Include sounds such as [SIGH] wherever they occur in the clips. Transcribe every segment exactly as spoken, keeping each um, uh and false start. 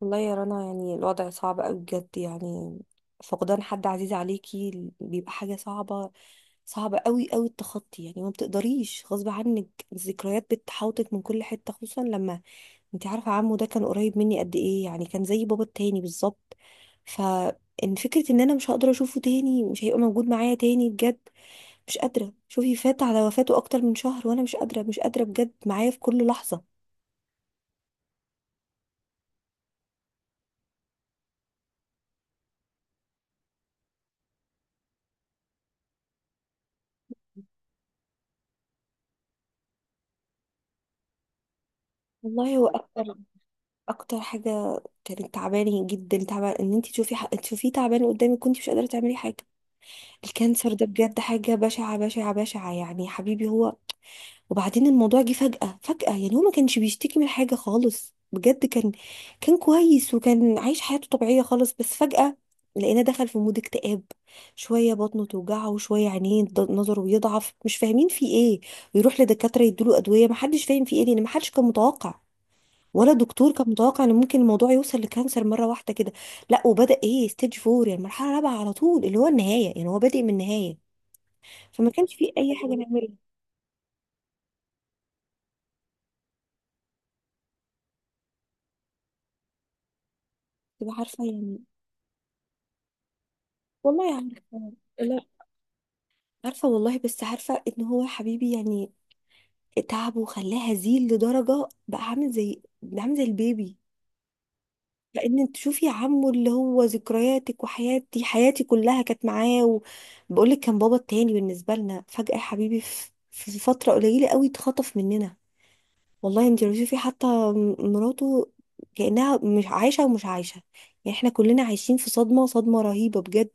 والله يا رنا، يعني الوضع صعب قوي بجد. يعني فقدان حد عزيز عليكي بيبقى حاجة صعبة. صعبة قوي قوي التخطي، يعني ما بتقدريش غصب عنك. الذكريات بتحاوطك من كل حتة، خصوصا لما انت عارفة عمو ده كان قريب مني قد ايه، يعني كان زي بابا التاني بالظبط. فان فكرة ان انا مش هقدر اشوفه تاني، مش هيبقى موجود معايا تاني، بجد مش قادرة. شوفي، فات على وفاته اكتر من شهر وانا مش قادرة، مش قادرة بجد، معايا في كل لحظة. والله هو أكتر اكتر حاجه كانت تعباني جدا، تعبان ان انت تشوفي ح... تشوفيه تعبان قدامك، كنت مش قادره تعملي حاجه. الكانسر ده بجد حاجه بشعه بشعه بشعه، يعني يا حبيبي هو. وبعدين الموضوع جه فجاه فجاه، يعني هو ما كانش بيشتكي من حاجه خالص، بجد كان كان كويس وكان عايش حياته طبيعيه خالص، بس فجاه لقينا دخل في مود اكتئاب. شويه بطنه توجعه وشويه عينيه ض- نظره بيضعف، مش فاهمين في ايه. ويروح لدكاتره يدوله ادويه، ما حدش فاهم في ايه، لان ما حدش كان متوقع، ولا الدكتور كان متوقع، ان ممكن الموضوع يوصل لكانسر مره واحده كده. لا، وبدا ايه ستيج فور، يعني مرحله رابعه على طول، اللي هو النهايه، يعني هو بادئ من النهايه. فما كانش فيه اي حاجه نعملها، تبقى عارفه يعني. والله عارفه. لا عارفه والله، بس عارفه ان هو يا حبيبي يعني تعبه وخلاه هزيل لدرجه بقى عامل زي بقى عامل زي البيبي. لان تشوفي، عمه اللي هو ذكرياتك، وحياتي حياتي كلها كانت معاه، وبقول لك كان بابا التاني بالنسبه لنا. فجاه يا حبيبي في في فتره قليله قوي اتخطف مننا. والله انت لو شوفي حتى م- مراته، كأنها مش عايشة ومش عايشة. يعني احنا كلنا عايشين في صدمة صدمة رهيبة بجد.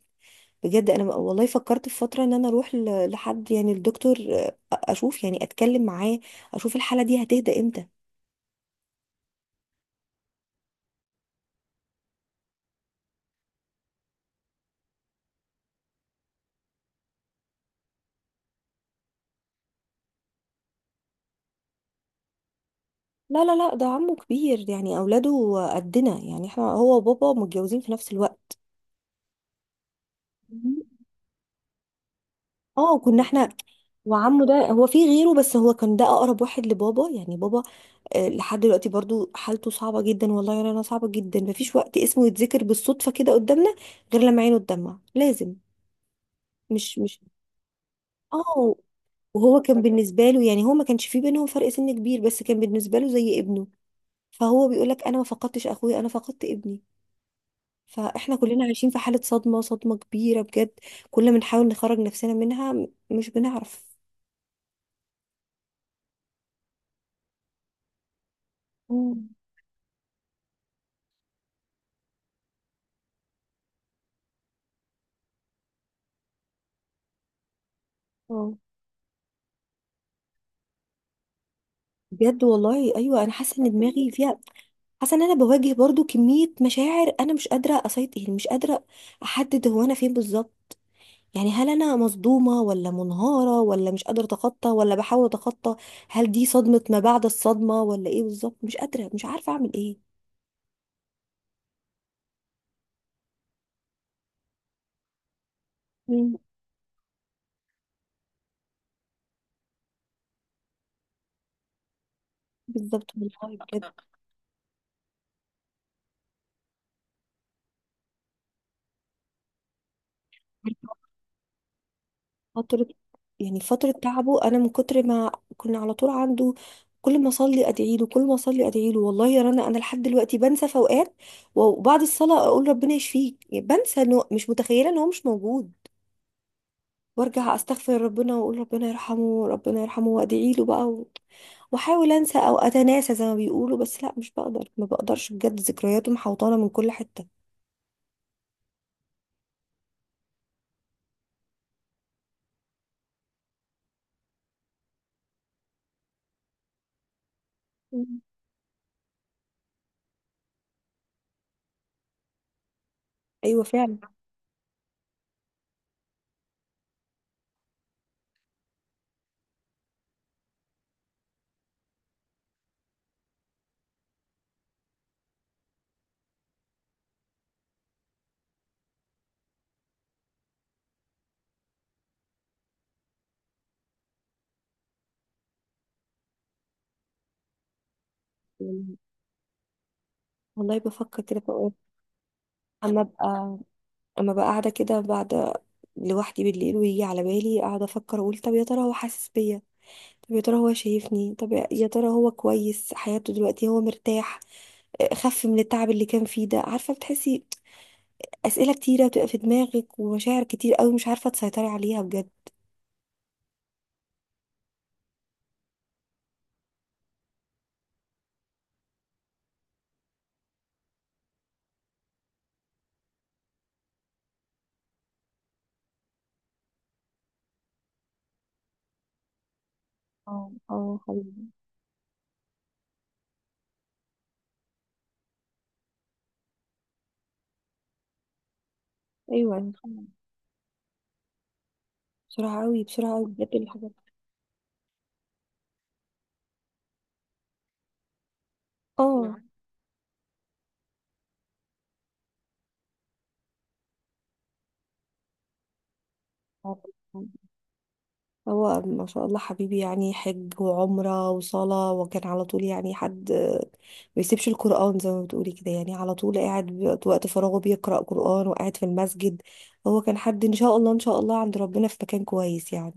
بجد انا والله فكرت في فترة ان انا اروح ل- لحد، يعني الدكتور، آه، اشوف يعني اتكلم معاه، اشوف الحالة دي هتهدى امتى. لا، لا، لا، ده عمه كبير، يعني اولاده قدنا، يعني احنا هو وبابا متجوزين في نفس الوقت. مم. اه، كنا احنا، وعمه ده هو في غيره، بس هو كان ده اقرب واحد لبابا، يعني بابا آه، لحد دلوقتي برضو حالته صعبة جدا. والله يا رنا، صعبة جدا. مفيش وقت اسمه يتذكر بالصدفة كده قدامنا، غير لما عينه تدمع لازم مش مش. اه، وهو كان بالنسبة له، يعني هو ما كانش في بينهم فرق سن كبير، بس كان بالنسبة له زي ابنه. فهو بيقول لك انا ما فقدتش اخويا، انا فقدت ابني. فاحنا كلنا عايشين في حالة صدمة صدمة كبيرة بجد. كل ما نحاول نخرج نفسنا منها م- مش بنعرف. مم. اه، بجد والله ايوه، انا حاسة ان دماغي فيها. حاسه ان انا بواجه برضو كميه مشاعر، انا مش قادره اسيطر، يعني مش قادره احدد هو انا فين بالظبط. يعني هل انا مصدومه ولا منهاره ولا مش قادره اتخطى ولا بحاول اتخطى؟ هل دي صدمه ما بعد الصدمه ولا ايه بالظبط؟ مش قادره، مش عارفه اعمل ايه. مم. بالظبط والله بجد. فتره، يعني فتره تعبه، انا من كتر ما كنا على طول عنده، كل ما اصلي ادعي له، كل ما اصلي ادعي له. والله يا رنا انا لحد دلوقتي بنسى في اوقات، وبعد الصلاة أقول ربنا يشفيك، يعني بنسى، إنه مش متخيلة إن هو مش موجود. وارجع استغفر ربنا واقول ربنا يرحمه، ربنا يرحمه، وادعي له بقى و... واحاول انسى او اتناسى زي ما بيقولوا، بس لا، مش بقدر، ما بقدرش بجد، ذكرياته محوطانه من كل حته. مم. ايوه فعلا. يعني والله بفكر كده، بقول اما ابقى اما ابقى قاعده كده بعد، لوحدي بالليل، ويجي على بالي اقعد افكر، اقول طب يا ترى هو حاسس بيا؟ طب يا ترى هو شايفني؟ طب يا يا ترى هو كويس حياته دلوقتي؟ هو مرتاح؟ خف من التعب اللي كان فيه ده، عارفه بتحسي؟ اسئله كتيره بتبقى في دماغك، ومشاعر كتير قوي مش عارفه تسيطري عليها بجد. اه، اه حبيبي. ايوه خلاص. بسرعه قوي، بسرعه قوي بجد الحاجات. اه، اللي عارفة. هو ما شاء الله حبيبي، يعني حج وعمره وصلاه، وكان على طول، يعني حد آه، ما بيسيبش القران، زي ما بتقولي كده، يعني على طول قاعد بي- وقت فراغه بيقرا قران وقاعد في المسجد. هو كان حد ان شاء الله ان شاء الله عند ربنا في مكان كويس يعني.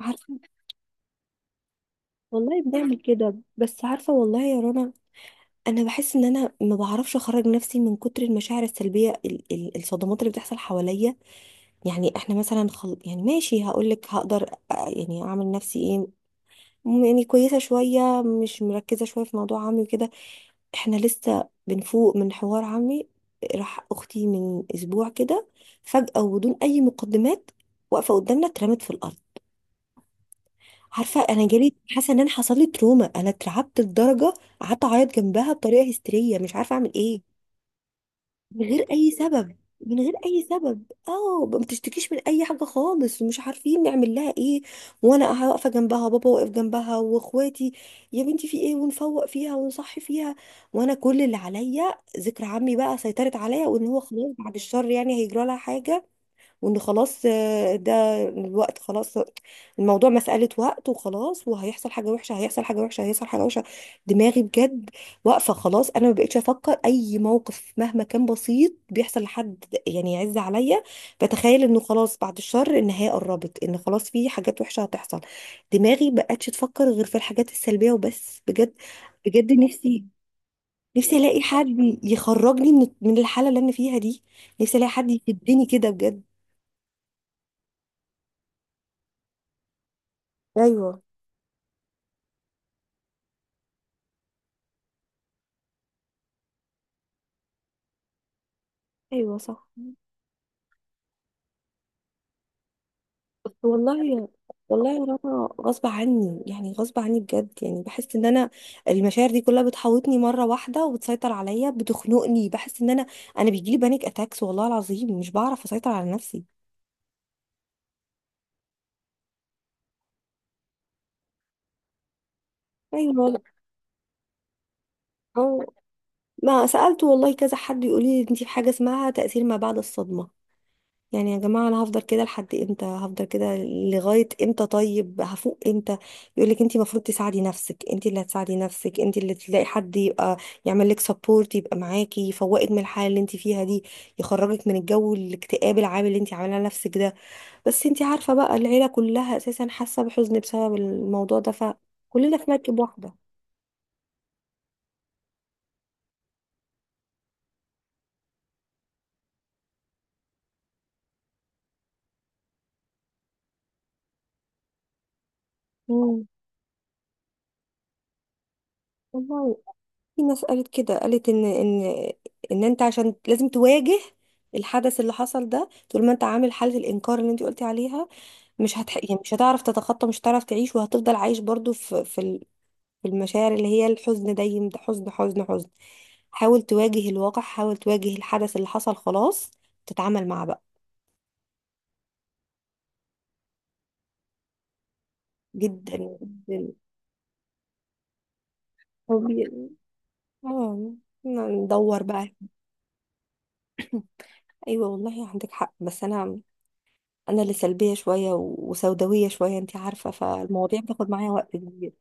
عارفه والله، بنعمل كده، بس عارفه والله يا رنا، انا بحس ان انا ما بعرفش اخرج نفسي من كتر المشاعر السلبيه ال- ال- الصدمات اللي بتحصل حواليا. يعني احنا مثلا خل... يعني ماشي هقول لك هقدر، أ- يعني اعمل نفسي ايه، م- يعني كويسه شويه، مش مركزه شويه في موضوع عمي وكده. احنا لسه بنفوق من حوار عمي. راح اختي من اسبوع كده، فجاه وبدون اي مقدمات، واقفه قدامنا اترمت في الارض. عارفه، انا جالي حاسه ان انا حصل لي تروما، انا اترعبت لدرجه قعدت اعيط جنبها بطريقه هستيريه، مش عارفه اعمل ايه. من غير اي سبب، من غير اي سبب، اه ما بتشتكيش من اي حاجه خالص، ومش عارفين نعمل لها ايه. وانا واقفه جنبها، وبابا واقف جنبها، واخواتي، يا بنتي في ايه؟ ونفوق فيها ونصحي فيها، وانا كل اللي عليا ذكر عمي بقى سيطرت عليا، وان هو خلاص بعد الشر يعني هيجرى لها حاجه. وان خلاص آه، ده الوقت خلاص، الموضوع مسألة وقت وخلاص، وهيحصل حاجة وحشة، هيحصل حاجة وحشة، هيحصل حاجة وحشة. دماغي بجد واقفة خلاص، انا ما بقتش افكر اي موقف مهما كان بسيط بيحصل لحد يعني يعز عليا، بتخيل انه خلاص بعد الشر النهاية قربت، ان خلاص في حاجات وحشة هتحصل. دماغي بقتش تفكر غير في الحاجات السلبية وبس، بجد. بجد نفسي نفسي الاقي حد يخرجني من من الحالة اللي انا فيها دي، نفسي الاقي حد يشدني كده بجد. ايوه، ايوه صح. بس والله، والله يا رنا، غصب عني، يعني غصب عني بجد، يعني بحس ان انا المشاعر دي كلها بتحوطني مره واحده، وبتسيطر عليا، بتخنقني، بحس ان انا، انا بيجيلي بانيك اتاكس، والله العظيم مش بعرف اسيطر على نفسي. ايوه والله. اه، ما سالت والله كذا حد يقول لي انت في حاجه اسمها تاثير ما بعد الصدمه. يعني يا جماعة، أنا هفضل كده لحد إمتى؟ هفضل كده لغاية إمتى؟ طيب هفوق إمتى؟ يقولك أنت المفروض تساعدي نفسك، أنت اللي هتساعدي نفسك، أنت اللي تلاقي حد يبقى يعمل لك سبورت، يبقى معاكي، يفوقك من الحالة اللي أنت فيها دي، يخرجك من الجو الاكتئاب العام اللي أنت عاملاه لنفسك ده. بس أنت عارفة بقى، العيلة كلها أساسا حاسة بحزن بسبب الموضوع ده، فكلنا في مركب واحدة. مم. والله في ناس قالت كده، قالت ان ان ان انت عشان لازم تواجه الحدث اللي حصل ده. طول ما انت عامل حالة الانكار اللي انت قلتي عليها، مش هتح... يعني مش هتعرف تتخطى، مش هتعرف تعيش، وهتفضل عايش برضو في في ال- في المشاعر اللي هي الحزن دايم، ده حزن حزن حزن. حاول تواجه الواقع، حاول تواجه الحدث اللي حصل، خلاص تتعامل معاه بقى. جدا، جدا. هو بي- اه، ندور بقى. [LAUGHS] ايوه والله عندك حق، بس انا انا اللي سلبيه شويه و- وسوداويه شويه، انت عارفه، فالمواضيع بتاخد معايا وقت كبير.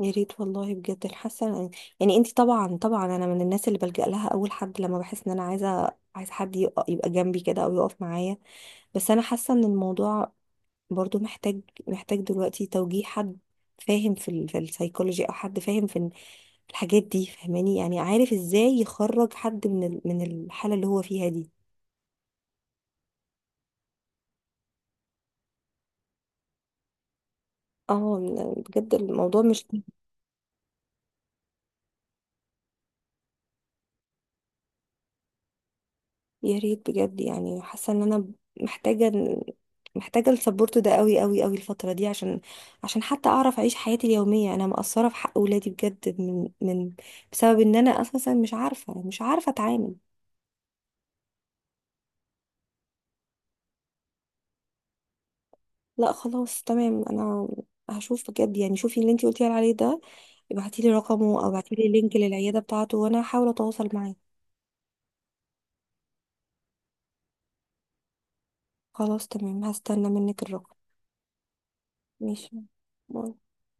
يا ريت والله بجد الحاسه، يعني انت طبعا طبعا، انا من الناس اللي بلجأ لها اول حد، لما بحس ان انا عايزه عايز حد يق- يبقى جنبي كده، او يقف معايا. بس انا حاسه ان الموضوع برضو محتاج محتاج دلوقتي توجيه حد فاهم في ال... في السايكولوجي، او حد فاهم في ال- الحاجات دي، فاهماني، يعني عارف ازاي يخرج حد من ال... من الحاله اللي هو فيها دي. اه، بجد الموضوع مش، يا ريت بجد، يعني حاسه ان انا محتاجه محتاجه السبورت ده قوي قوي قوي الفتره دي، عشان عشان حتى اعرف اعيش حياتي اليوميه. انا مقصره في حق اولادي بجد، من من بسبب ان انا اساسا مش عارفه مش عارفه اتعامل. لا خلاص تمام، انا هشوف بجد، يعني شوفي اللي انتي قلتي عليه ده، ابعتي لي رقمه، او ابعتي لي لينك للعياده بتاعته، وانا هحاول اتواصل معاه. خلاص تمام، هستنى منك الرقم. ماشي، باي.